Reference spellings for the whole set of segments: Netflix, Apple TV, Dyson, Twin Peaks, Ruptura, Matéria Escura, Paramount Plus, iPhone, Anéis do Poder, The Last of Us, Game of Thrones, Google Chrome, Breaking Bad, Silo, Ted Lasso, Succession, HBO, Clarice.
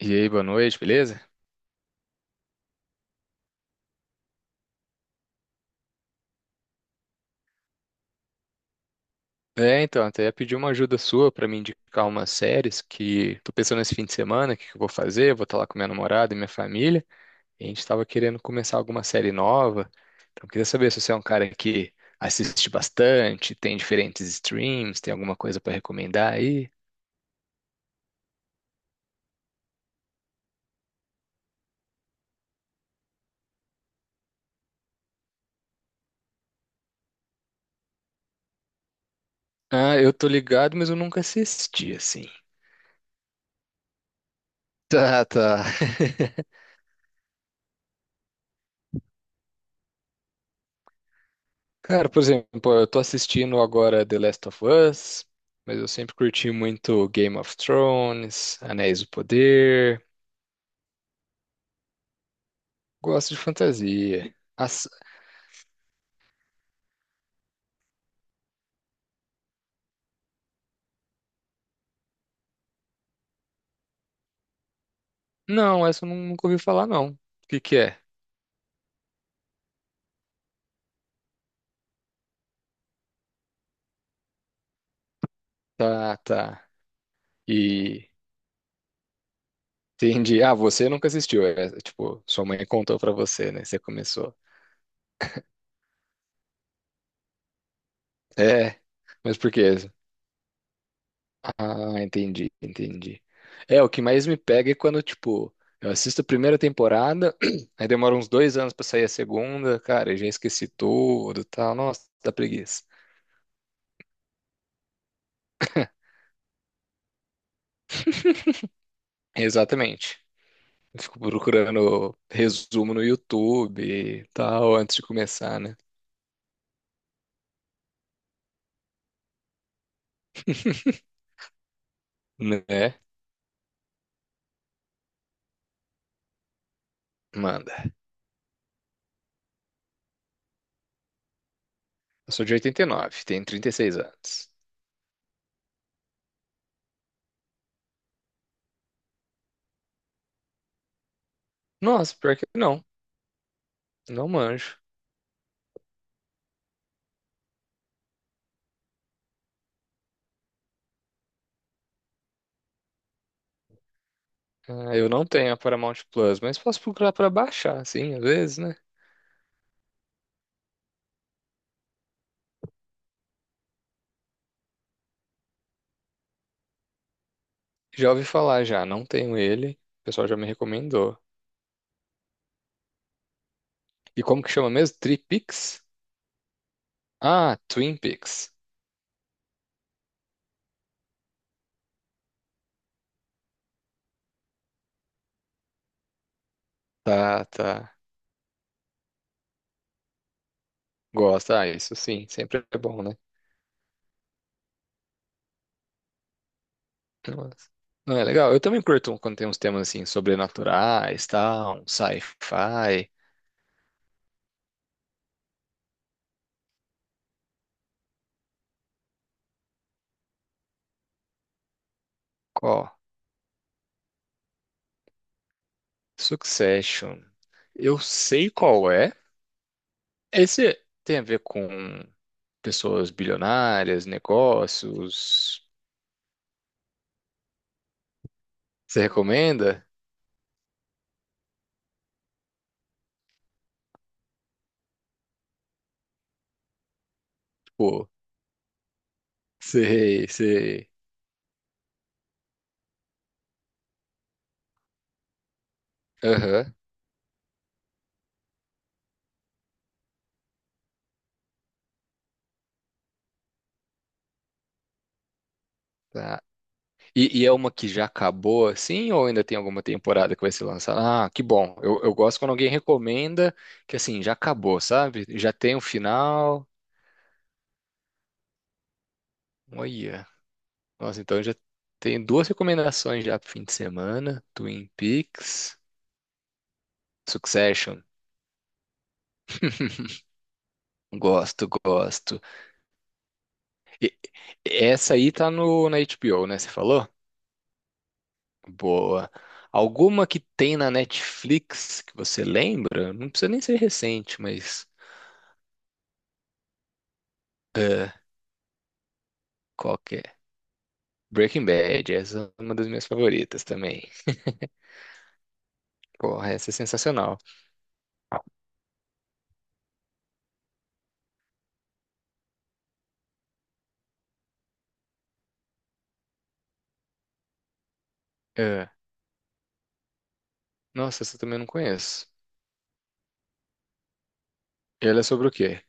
E aí, boa noite, beleza? É, então, até ia pedir uma ajuda sua pra me indicar umas séries que tô pensando nesse fim de semana, o que que eu vou fazer, eu vou estar lá com minha namorada e minha família, e a gente tava querendo começar alguma série nova, então eu queria saber se você é um cara que assiste bastante, tem diferentes streams, tem alguma coisa pra recomendar aí? Ah, eu tô ligado, mas eu nunca assisti, assim. Tá, tá. Cara, por exemplo, eu tô assistindo agora The Last of Us, mas eu sempre curti muito Game of Thrones, Anéis do Poder, gosto de fantasia. Não, essa eu nunca ouvi falar, não. O que que é? Tá, tá. E entendi. Ah, você nunca assistiu, tipo, sua mãe contou pra você, né? Você começou. É, mas por quê? Ah, entendi, entendi. É, o que mais me pega é quando, tipo, eu assisto a primeira temporada, aí demora uns 2 anos pra sair a segunda, cara, eu já esqueci tudo e tal. Nossa, dá preguiça. Exatamente. Eu fico procurando resumo no YouTube e tal, antes de começar, né? Né? Manda. Eu sou de 89, tenho 36 anos. Nossa, pior que não, não manjo. Ah, eu não tenho a Paramount Plus, mas posso procurar pra baixar, assim, às vezes, né? Já ouvi falar já, não tenho ele. O pessoal já me recomendou. E como que chama mesmo? Tripix? Ah, Twin Peaks. Tá, tá. Gosta, ah, isso sim, sempre é bom, né? Mas- Não, é legal. Eu também curto um, quando tem uns temas assim, sobrenaturais, tal, um sci-fi. Qual? Succession. Eu sei qual é. Esse tem a ver com pessoas bilionárias, negócios. Você recomenda? Pô, sei, sei. Aham. Tá. E é uma que já acabou assim, ou ainda tem alguma temporada que vai ser lançada? Ah, que bom. Eu gosto quando alguém recomenda que assim, já acabou, sabe? Já tem um final. Olha. Nossa, então eu já tenho duas recomendações já pro fim de semana: Twin Peaks, Succession. Gosto, gosto. E- Essa aí tá no, na HBO, né? Você falou? Boa. Alguma que tem na Netflix que você lembra? Não precisa nem ser recente, mas. Qualquer. Breaking Bad, essa é uma das minhas favoritas também. Porra, essa é sensacional. É. Nossa, essa eu também não conheço. E ela é sobre o quê?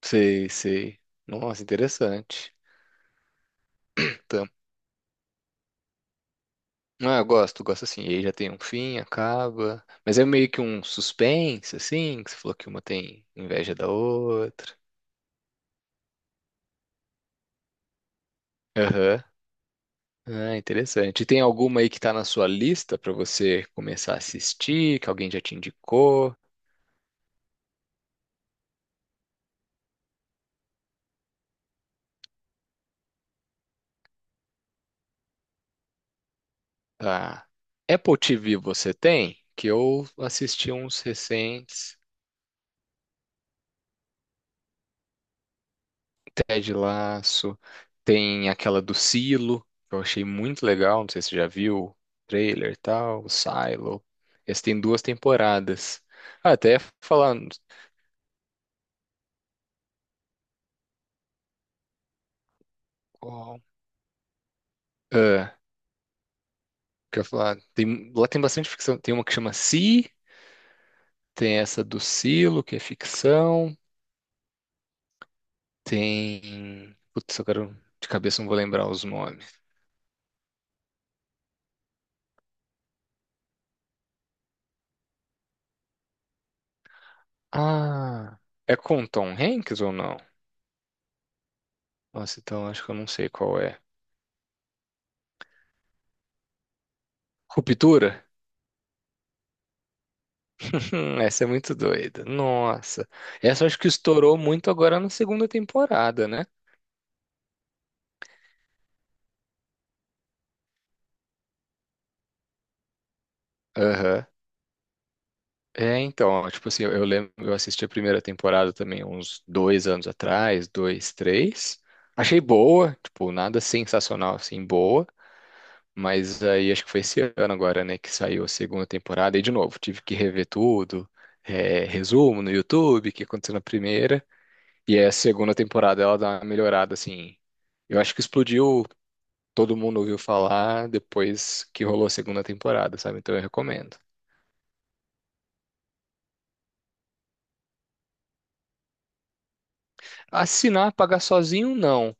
Sei, sei. Nossa, interessante. Então, ah, eu gosto, gosto assim. E aí já tem um fim, acaba. Mas é meio que um suspense, assim, que você falou que uma tem inveja da outra. Aham. Ah, interessante. E tem alguma aí que tá na sua lista pra você começar a assistir, que alguém já te indicou? Ah, Apple TV você tem? Que eu assisti uns recentes, Ted Lasso, tem aquela do Silo, que eu achei muito legal, não sei se você já viu, o trailer e tal, o Silo. Esse tem duas temporadas. Ah, até falar, qual- ah, quer falar, tem, lá tem bastante ficção, tem uma que chama Si, tem essa do Silo, que é ficção, tem, putz, eu quero, de cabeça não vou lembrar os nomes. Ah, é com Tom Hanks ou não? Nossa, então acho que eu não sei qual é. Ruptura? Essa é muito doida. Nossa. Essa eu acho que estourou muito agora na segunda temporada, né? Aham. É, então, ó, tipo assim, eu lembro, eu assisti a primeira temporada também uns 2 anos atrás, dois, três. Achei boa, tipo, nada sensacional assim, boa. Mas aí acho que foi esse ano agora, né, que saiu a segunda temporada. E de novo, tive que rever tudo, é, resumo no YouTube, o que aconteceu na primeira. E aí a segunda temporada ela dá uma melhorada, assim. Eu acho que explodiu, todo mundo ouviu falar depois que rolou a segunda temporada, sabe? Então eu recomendo. Assinar, pagar sozinho, não.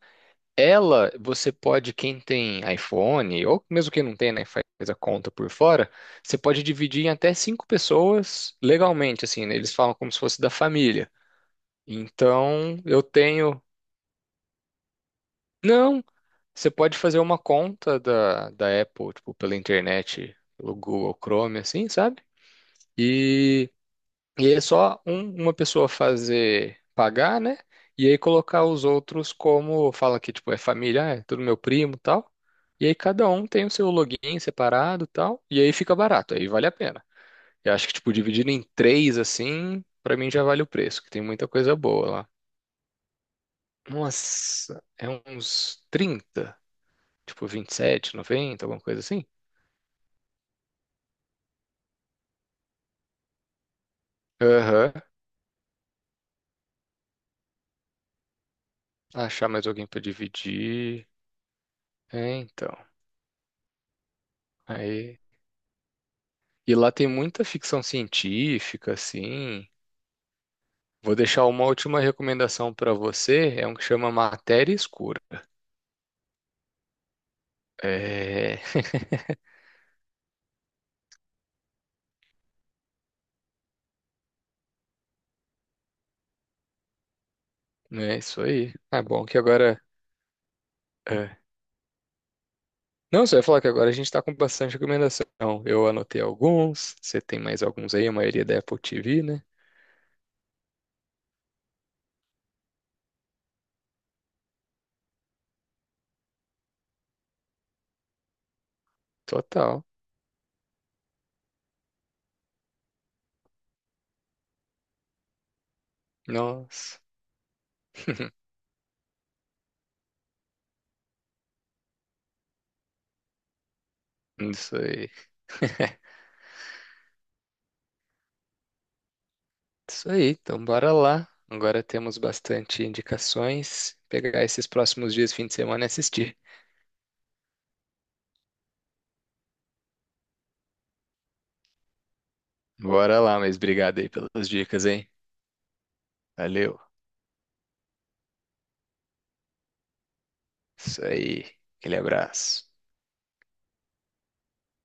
Ela, você pode, quem tem iPhone, ou mesmo quem não tem, né, faz a conta por fora, você pode dividir em até cinco pessoas legalmente, assim, né? Eles falam como se fosse da família. Então, eu tenho. Não, você pode fazer uma conta da Apple, tipo, pela internet, pelo Google Chrome, assim, sabe? E E é só uma pessoa fazer pagar, né? E aí colocar os outros como fala que tipo é família, ah, é tudo meu primo, e tal. E aí cada um tem o seu login separado, e tal. E aí fica barato, aí vale a pena. Eu acho que tipo dividido em três assim, pra mim já vale o preço, que tem muita coisa boa lá. Nossa, é uns 30, tipo 27,90, alguma coisa assim. Aham. Achar mais alguém pra dividir. É, então. Aí. E lá tem muita ficção científica, assim. Vou deixar uma última recomendação pra você, é um que chama Matéria Escura. É, não é isso aí. Ah, bom, que agora. É. Não, você vai falar que agora a gente tá com bastante recomendação. Eu anotei alguns, você tem mais alguns aí, a maioria é da Apple TV, né? Total. Nossa. Isso aí. Isso aí, então bora lá. Agora temos bastante indicações. Pegar esses próximos dias, fim de semana e assistir. Bora lá, mas obrigado aí pelas dicas, hein? Valeu. Isso aí. Aquele abraço.